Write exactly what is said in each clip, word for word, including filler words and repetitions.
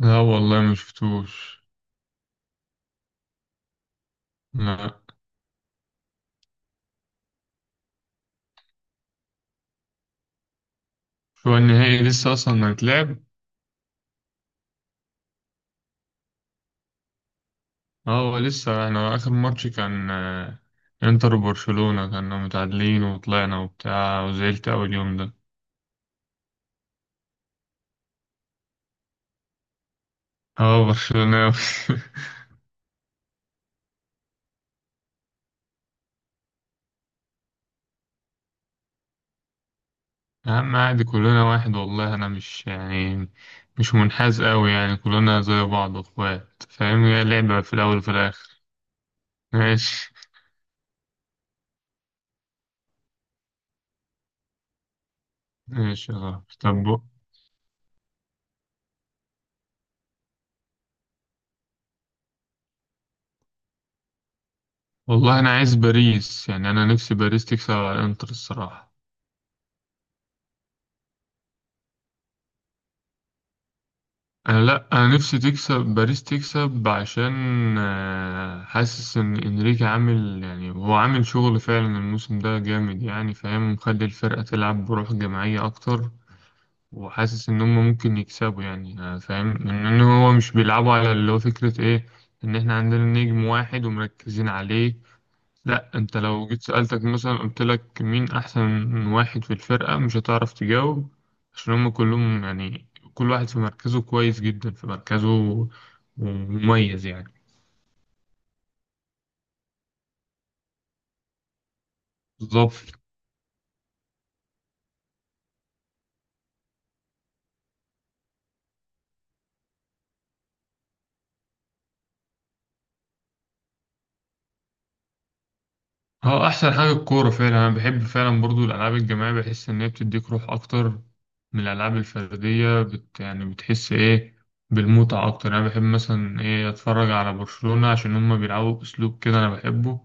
لا، والله ما شفتوش. لا، هو النهائي لسه اصلا هيتلعب. اه، هو لسه احنا اخر ماتش كان آه، انتر وبرشلونة كنا متعادلين وطلعنا وبتاع وزعلت اول يوم ده. اه، برشلونة. يا عم عادي كلنا واحد والله انا مش يعني مش منحاز قوي يعني كلنا زي بعض اخوات فاهم، هي لعبة في الاول وفي الاخر. ماشي. ماشي يا صاحبي طب. والله انا عايز باريس، يعني انا نفسي باريس تكسب على الانتر الصراحة. انا لا انا نفسي تكسب باريس تكسب عشان آه، حاسس ان انريكي عامل، يعني هو عامل شغل فعلا الموسم ده جامد، يعني فاهم، مخلي الفرقة تلعب بروح جماعية اكتر. وحاسس ان هم ممكن يكسبوا يعني آه، فاهم ان إن هو مش بيلعبوا على اللي هو فكرة ايه، ان احنا عندنا نجم واحد ومركزين عليه. لا، انت لو جيت سألتك مثلا قلت لك مين احسن واحد في الفرقة مش هتعرف تجاوب، عشان هم كلهم يعني كل واحد في مركزه كويس جدا في مركزه، ومميز يعني. بالظبط. هو احسن حاجه الكوره فعلا، انا بحب فعلا برضو الالعاب الجماعيه، بحس ان هي بتديك روح اكتر من الالعاب الفرديه، بت يعني بتحس ايه بالمتعه اكتر يعني. انا بحب مثلا ايه اتفرج على برشلونه عشان هما بيلعبوا اسلوب كده انا بحبه،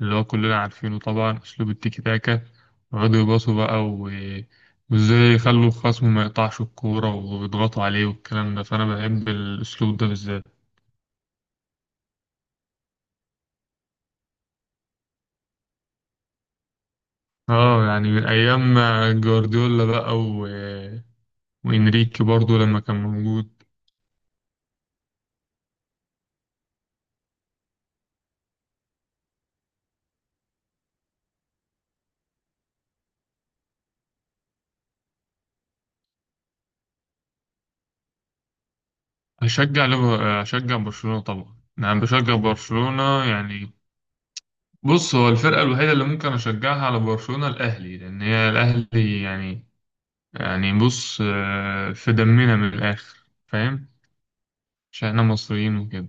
اللي هو كلنا عارفينه طبعا اسلوب التيكي تاكا، ويقعدوا يباصوا بقى و... وازاي يخلوا الخصم ما يقطعش الكوره ويضغطوا عليه والكلام ده، فانا بحب الاسلوب ده بالذات. اه يعني من ايام جوارديولا بقى، وإنريكي برضو لما كان موجود. هشجع ليفر- هشجع برشلونة طبعا، أنا بشجع برشلونة يعني. بص، هو الفرقة الوحيدة اللي ممكن أشجعها على برشلونة الأهلي، لأن هي الأهلي يعني. يعني بص آه، في دمنا من الآخر فاهم، عشان إحنا مصريين وكده.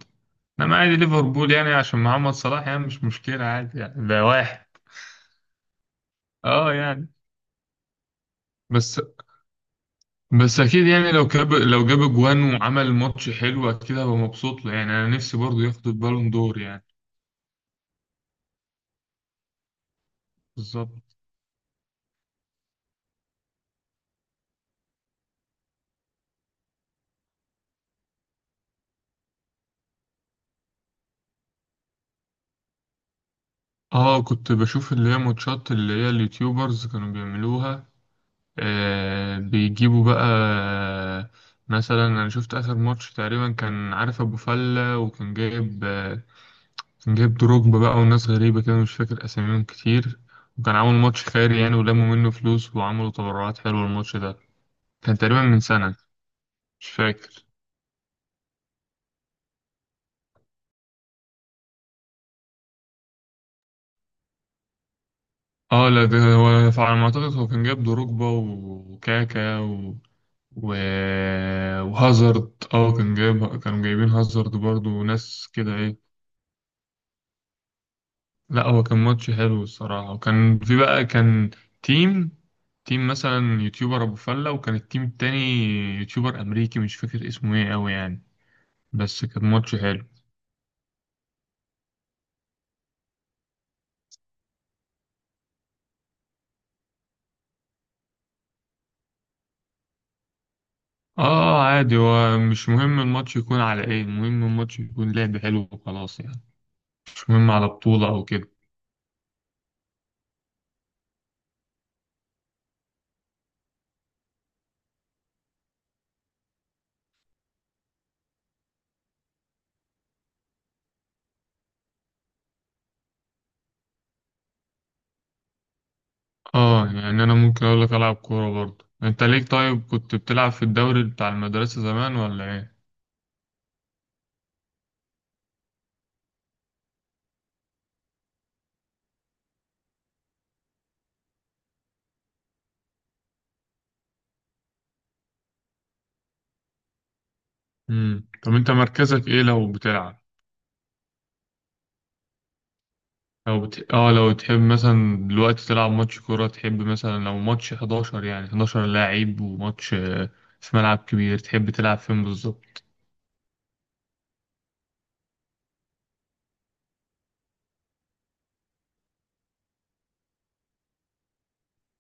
إنما عادي ليفربول يعني عشان محمد صلاح، يعني مش مشكلة عادي، يعني ده واحد. أه يعني. بس بس اكيد يعني لو جاب لو جاب جوان وعمل ماتش حلو، اكيد هبقى مبسوط له يعني، انا نفسي برضه ياخد البالون دور يعني. بالظبط. اه كنت بشوف اللي هي ماتشات اللي هي اليوتيوبرز كانوا بيعملوها، آه بيجيبوا بقى آه، مثلا انا شفت اخر ماتش تقريبا كان عارف ابو فلة، وكان جايب آه كان جايب دروجبا بقى وناس غريبة كده مش فاكر اساميهم كتير، وكان عامل ماتش خيري يعني، ولموا منه فلوس وعملوا تبرعات حلوة الماتش ده. كان تقريبا من سنة، مش فاكر. اه لا، ده هو فعلى ما اعتقد هو كان جايب دروجبا وكاكا و... و... وهازارد، اه كان جايب كانوا جايبين هازارد برضو ناس كده ايه. لا، هو كان ماتش حلو الصراحة، وكان في بقى كان تيم تيم مثلا يوتيوبر ابو فلة، وكان التيم التاني يوتيوبر امريكي مش فاكر اسمه ايه اوي يعني. بس كان ماتش حلو. اه عادي، هو مش مهم الماتش يكون على ايه، المهم الماتش يكون لعب حلو وخلاص يعني، مش مهم على بطولة او كده. اه يعني انا ممكن اقول لك العب كوره برضه، انت ليك طيب كنت بتلعب في الدوري بتاع المدرسه زمان ولا ايه؟ امم، طب انت مركزك ايه لو بتلعب؟ لو بت... اه لو تحب مثلا دلوقتي تلعب ماتش كوره، تحب مثلا لو ماتش حداشر يعني حداشر لاعب وماتش آه، في ملعب كبير، تحب تلعب فين بالظبط؟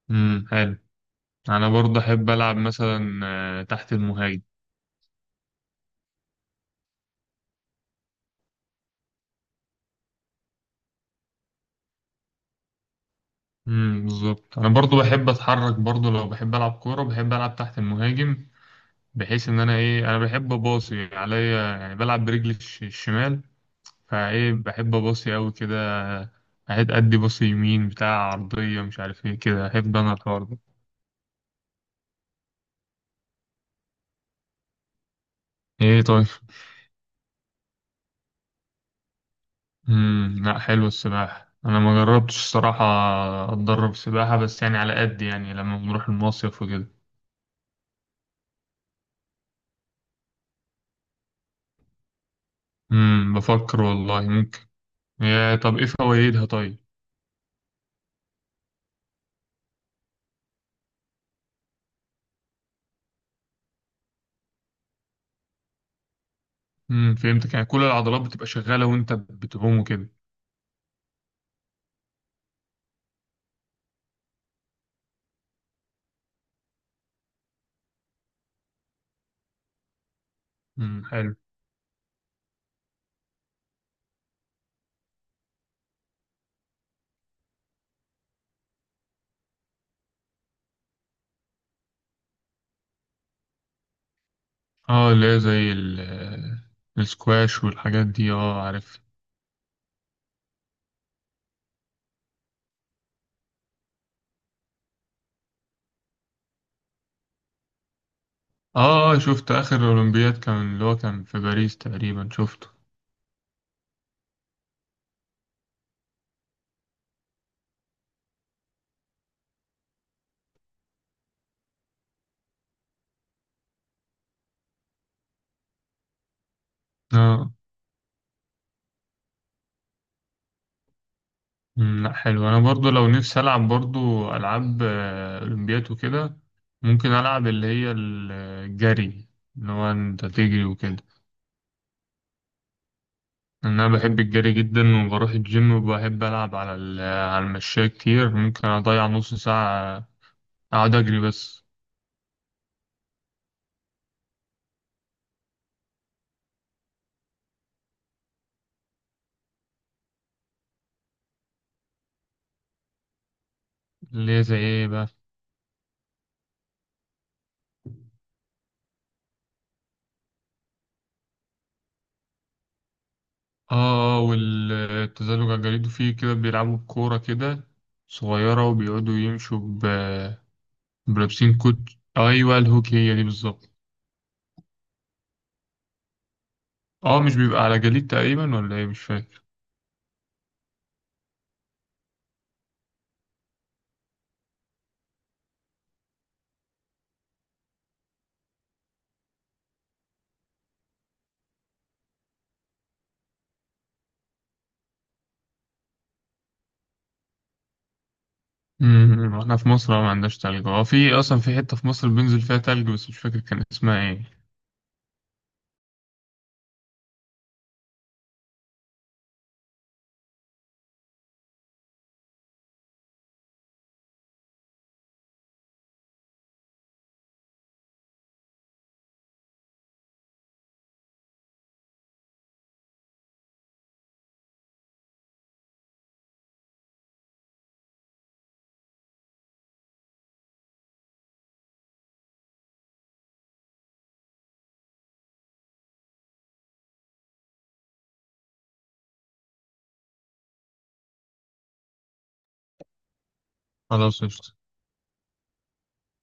امم حلو. انا برضه احب العب مثلا آه، تحت المهاجم. امم بالظبط، انا برضه بحب اتحرك برضه، لو بحب العب كوره بحب العب تحت المهاجم، بحيث ان انا ايه انا بحب اباصي عليا يعني، بلعب برجلي الش- الشمال. فايه بحب اباصي قوي كده، اهد ادي باصي يمين بتاع عرضية مش عارف ايه كده، احب انا الحوار ده. ايه طيب؟ امم، لا حلو السباحة، انا ما جربتش الصراحة، اتدرب سباحة بس يعني على قد يعني، لما بنروح المصيف وكده. امم، بفكر والله ممكن. يا طب ايه فوائدها طيب؟ امم فهمتك، يعني كل العضلات بتبقى شغالة وانت بتعوم وكده. امم حلو. اه اللي هي زي ال- آه، السكواش والحاجات دي، اه عارف. اه آه، شفت اخر اولمبياد كان اللي هو كان في باريس تقريبا، شفته. اه. أمم، لا حلو، انا برضو لو نفسي العب برضو العاب آه، اولمبياد وكده، ممكن العب اللي هي ال- الجري، اللي هو انت تجري وكده، لأن انا بحب الجري جدا وبروح الجيم، وبحب العب على ال- آه، على المشاية كتير، ممكن اضيع نص ساعة اقعد اجري بس. اللي هي زي ايه بقى؟ اه والتزلج على الجليد، وفيه كده بيلعبوا بكورة كده صغيرة وبيقعدوا يمشوا ب- بلابسين كوت. ايوه الهوكي، هي دي بالظبط. اه مش بيبقى على جليد تقريبا ولا ايه، مش فاكر. امم، احنا في مصر ما عندناش تلج، اه في اصلا في حتة في مصر بينزل فيها تلج بس مش فاكر كان اسمها ايه. خلاص قشطة.